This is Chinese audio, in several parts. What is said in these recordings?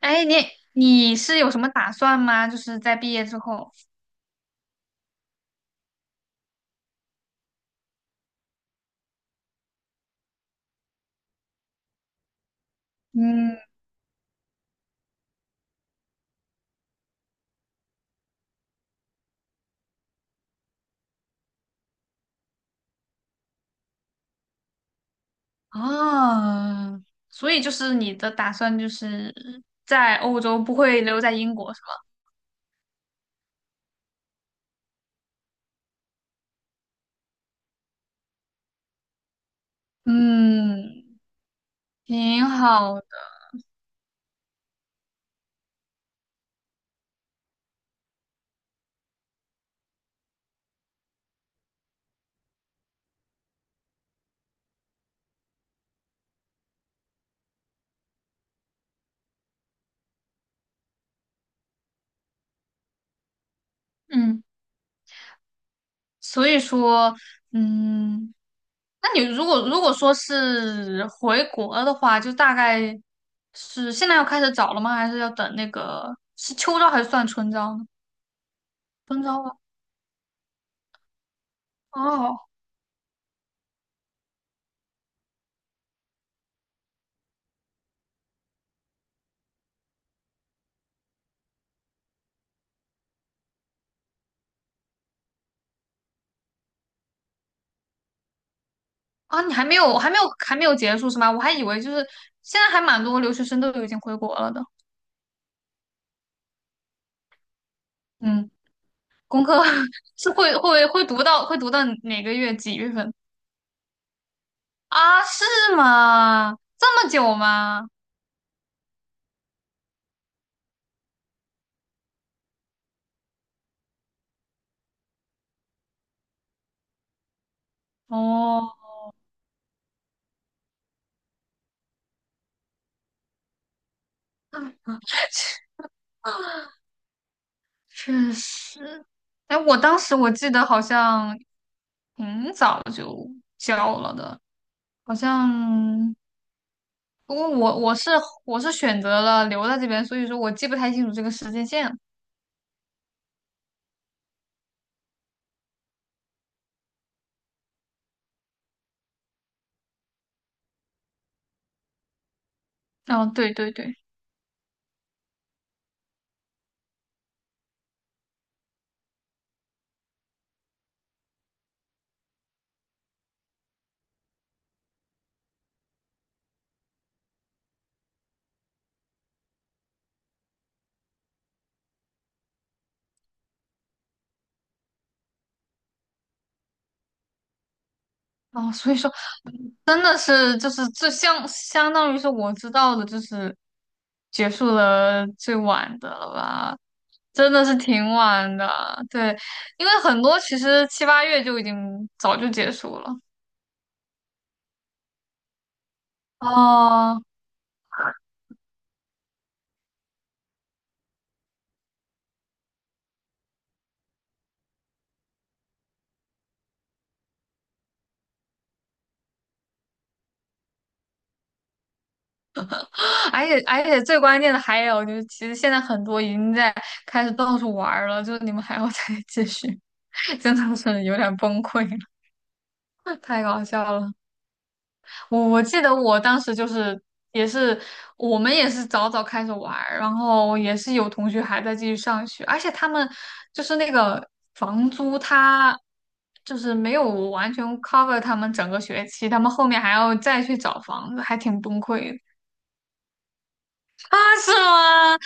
哎，你是有什么打算吗？就是在毕业之后，嗯，哦，所以就是你的打算就是在欧洲，不会留在英国是吗？嗯，挺好的。嗯，所以说，嗯，那你如果说是回国的话，就大概是现在要开始找了吗？还是要等那个是秋招还是算春招呢？春招吧。哦啊，你还没有结束是吗？我还以为就是现在还蛮多留学生都已经回国了的。嗯，功课 是会读到哪个月几月份啊？是吗？这么久吗？哦，确实。哎，我当时我记得好像挺早就交了的，好像不过我是选择了留在这边，所以说我记不太清楚这个时间线。哦，对对对，哦，所以说。真的是就是这相当于是我知道的，就是结束了最晚的了吧，真的是挺晚的。对，因为很多其实七八月就已经早就结束了。哦，而且最关键的还有就是，其实现在很多已经在开始到处玩儿了，就是你们还要再继续，真的是有点崩溃了，太搞笑了。我记得我当时就是也是我们也是早早开始玩儿，然后也是有同学还在继续上学，而且他们就是那个房租，他就是没有完全 cover 他们整个学期，他们后面还要再去找房子，还挺崩溃的啊，是吗？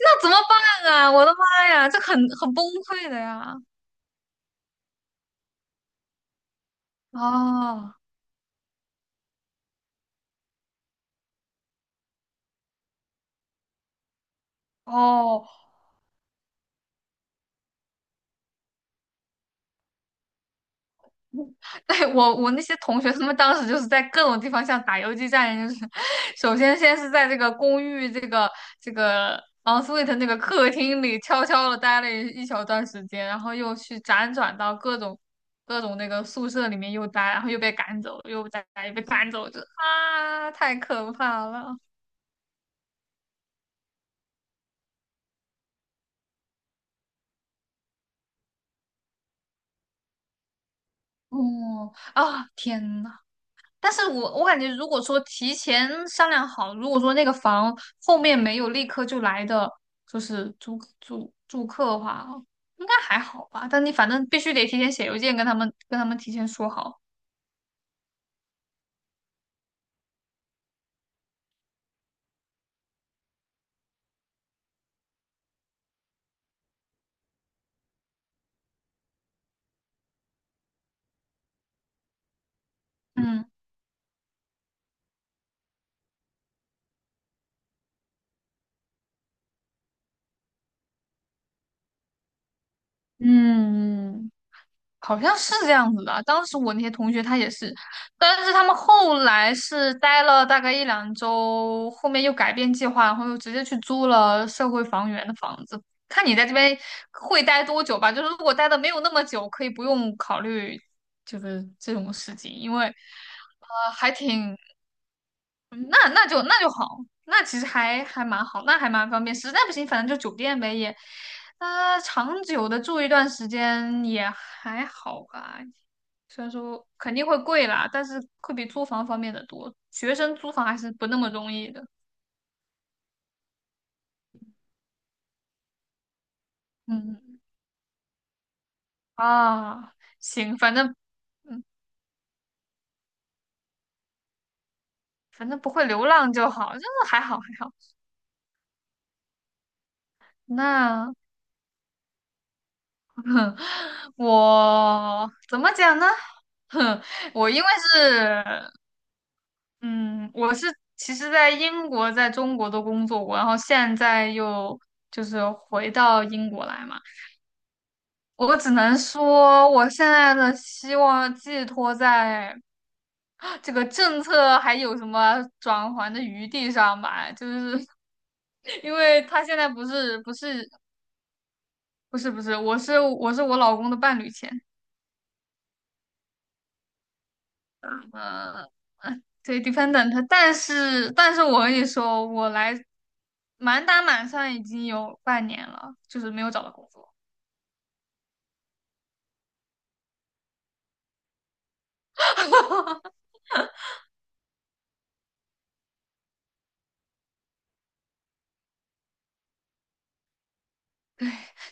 那怎么办啊？我的妈呀，这很崩溃的呀！哦哦，对，我那些同学，他们当时就是在各种地方像打游击战一样，就是 先是在这个公寓这个这个 ensuite 那个客厅里悄悄的待了一小段时间，然后又去辗转到各种那个宿舍里面又待，然后又被赶走，又再又被赶走，就啊，太可怕了！哦啊，天呐！但是我感觉，如果说提前商量好，如果说那个房后面没有立刻就来的，就是租住客的话，应该还好吧。但你反正必须得提前写邮件跟他们提前说好。嗯嗯，好像是这样子的。当时我那些同学他也是，但是他们后来是待了大概一两周，后面又改变计划，然后又直接去租了社会房源的房子。看你在这边会待多久吧，就是如果待的没有那么久，可以不用考虑就是这种事情，因为还挺嗯那就好，那其实还蛮好，那还蛮方便。实在不行，反正就酒店呗，也，长久的住一段时间也还好吧。虽然说肯定会贵啦，但是会比租房方便的多。学生租房还是不那么容易的。嗯啊，行，嗯，反正不会流浪就好，就是还好还好。那 我怎么讲呢？哼，我因为是嗯，我是其实在英国、在中国都工作过，然后现在又就是回到英国来嘛。我只能说，我现在的希望寄托在这个政策还有什么转圜的余地上吧，就是 因为他现在不是，我是我老公的伴侣签，呃，对，dependent，但是我跟你说，我来满打满算已经有半年了，就是没有找到工作。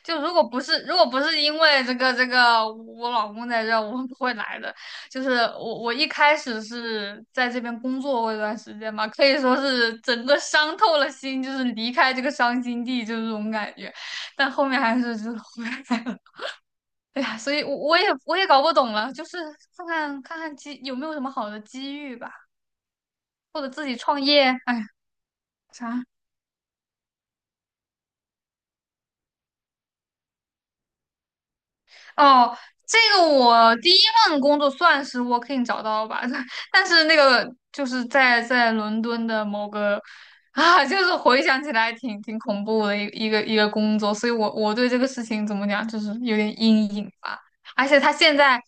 就如果不是因为这个我老公在这儿，我不会来的。就是我一开始是在这边工作过一段时间嘛，可以说是整个伤透了心，就是离开这个伤心地，就是这种感觉。但后面还是就是回来了。哎呀，所以我也搞不懂了，就是看看机有没有什么好的机遇吧，或者自己创业，哎，啥。哦，这个我第一份工作算是 working 找到吧，但是那个就是在伦敦的某个 啊，就是回想起来挺恐怖的一个工作，所以我对这个事情怎么讲，就是有点阴影吧。而且他现在，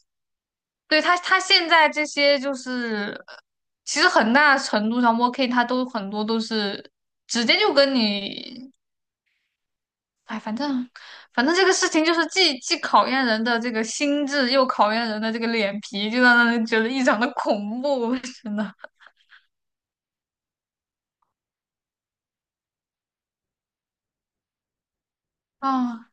对他现在这些就是，其实很大程度上 working 他都很多都是直接就跟你哎，反正这个事情就是既考验人的这个心智，又考验人的这个脸皮，就让人觉得异常的恐怖，真的啊。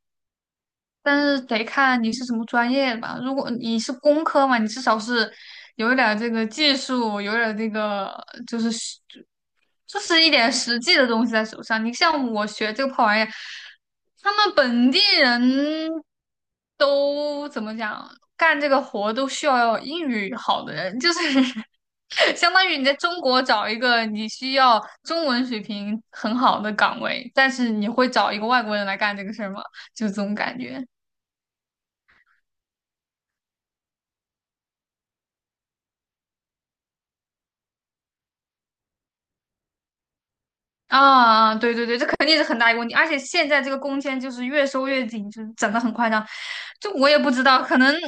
但是得看你是什么专业的吧。如果你是工科嘛，你至少是有一点儿这个技术，有一点儿这个就是实就是一点实际的东西在手上。你像我学这个破玩意儿，他们本地人都怎么讲，干这个活都需要英语好的人，就是 相当于你在中国找一个你需要中文水平很好的岗位，但是你会找一个外国人来干这个事儿吗？就这种感觉。啊，对对对，这肯定是很大一个问题，而且现在这个工签就是越收越紧，就是整的很夸张。就我也不知道，可能就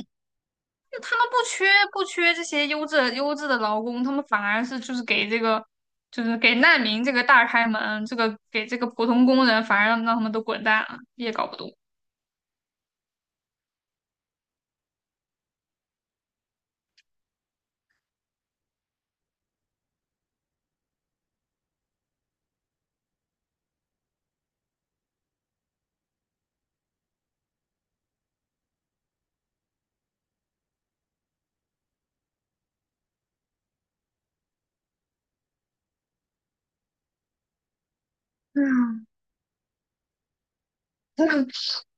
他们不缺这些优质的劳工，他们反而是就是给这个就是给难民这个大开门，这个给这个普通工人反而让他们都滚蛋了，也搞不懂。嗯，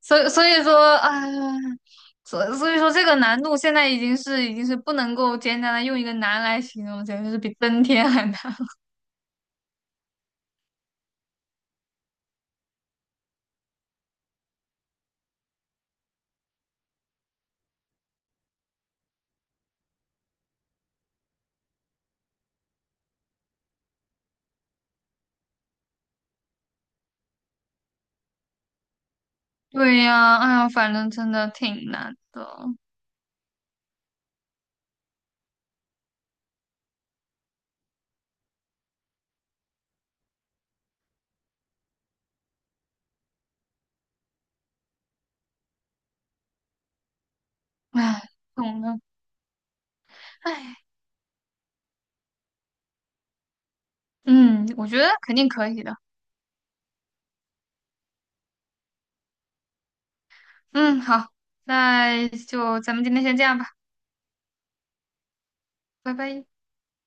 所以说，哎呀所以说这个难度现在已经是不能够简单的用一个难来形容，简直是比登天还难。对呀，哎呀，反正真的挺难的，哎，懂了，哎，嗯，我觉得肯定可以的，嗯，好，那就咱们今天先这样吧，拜拜。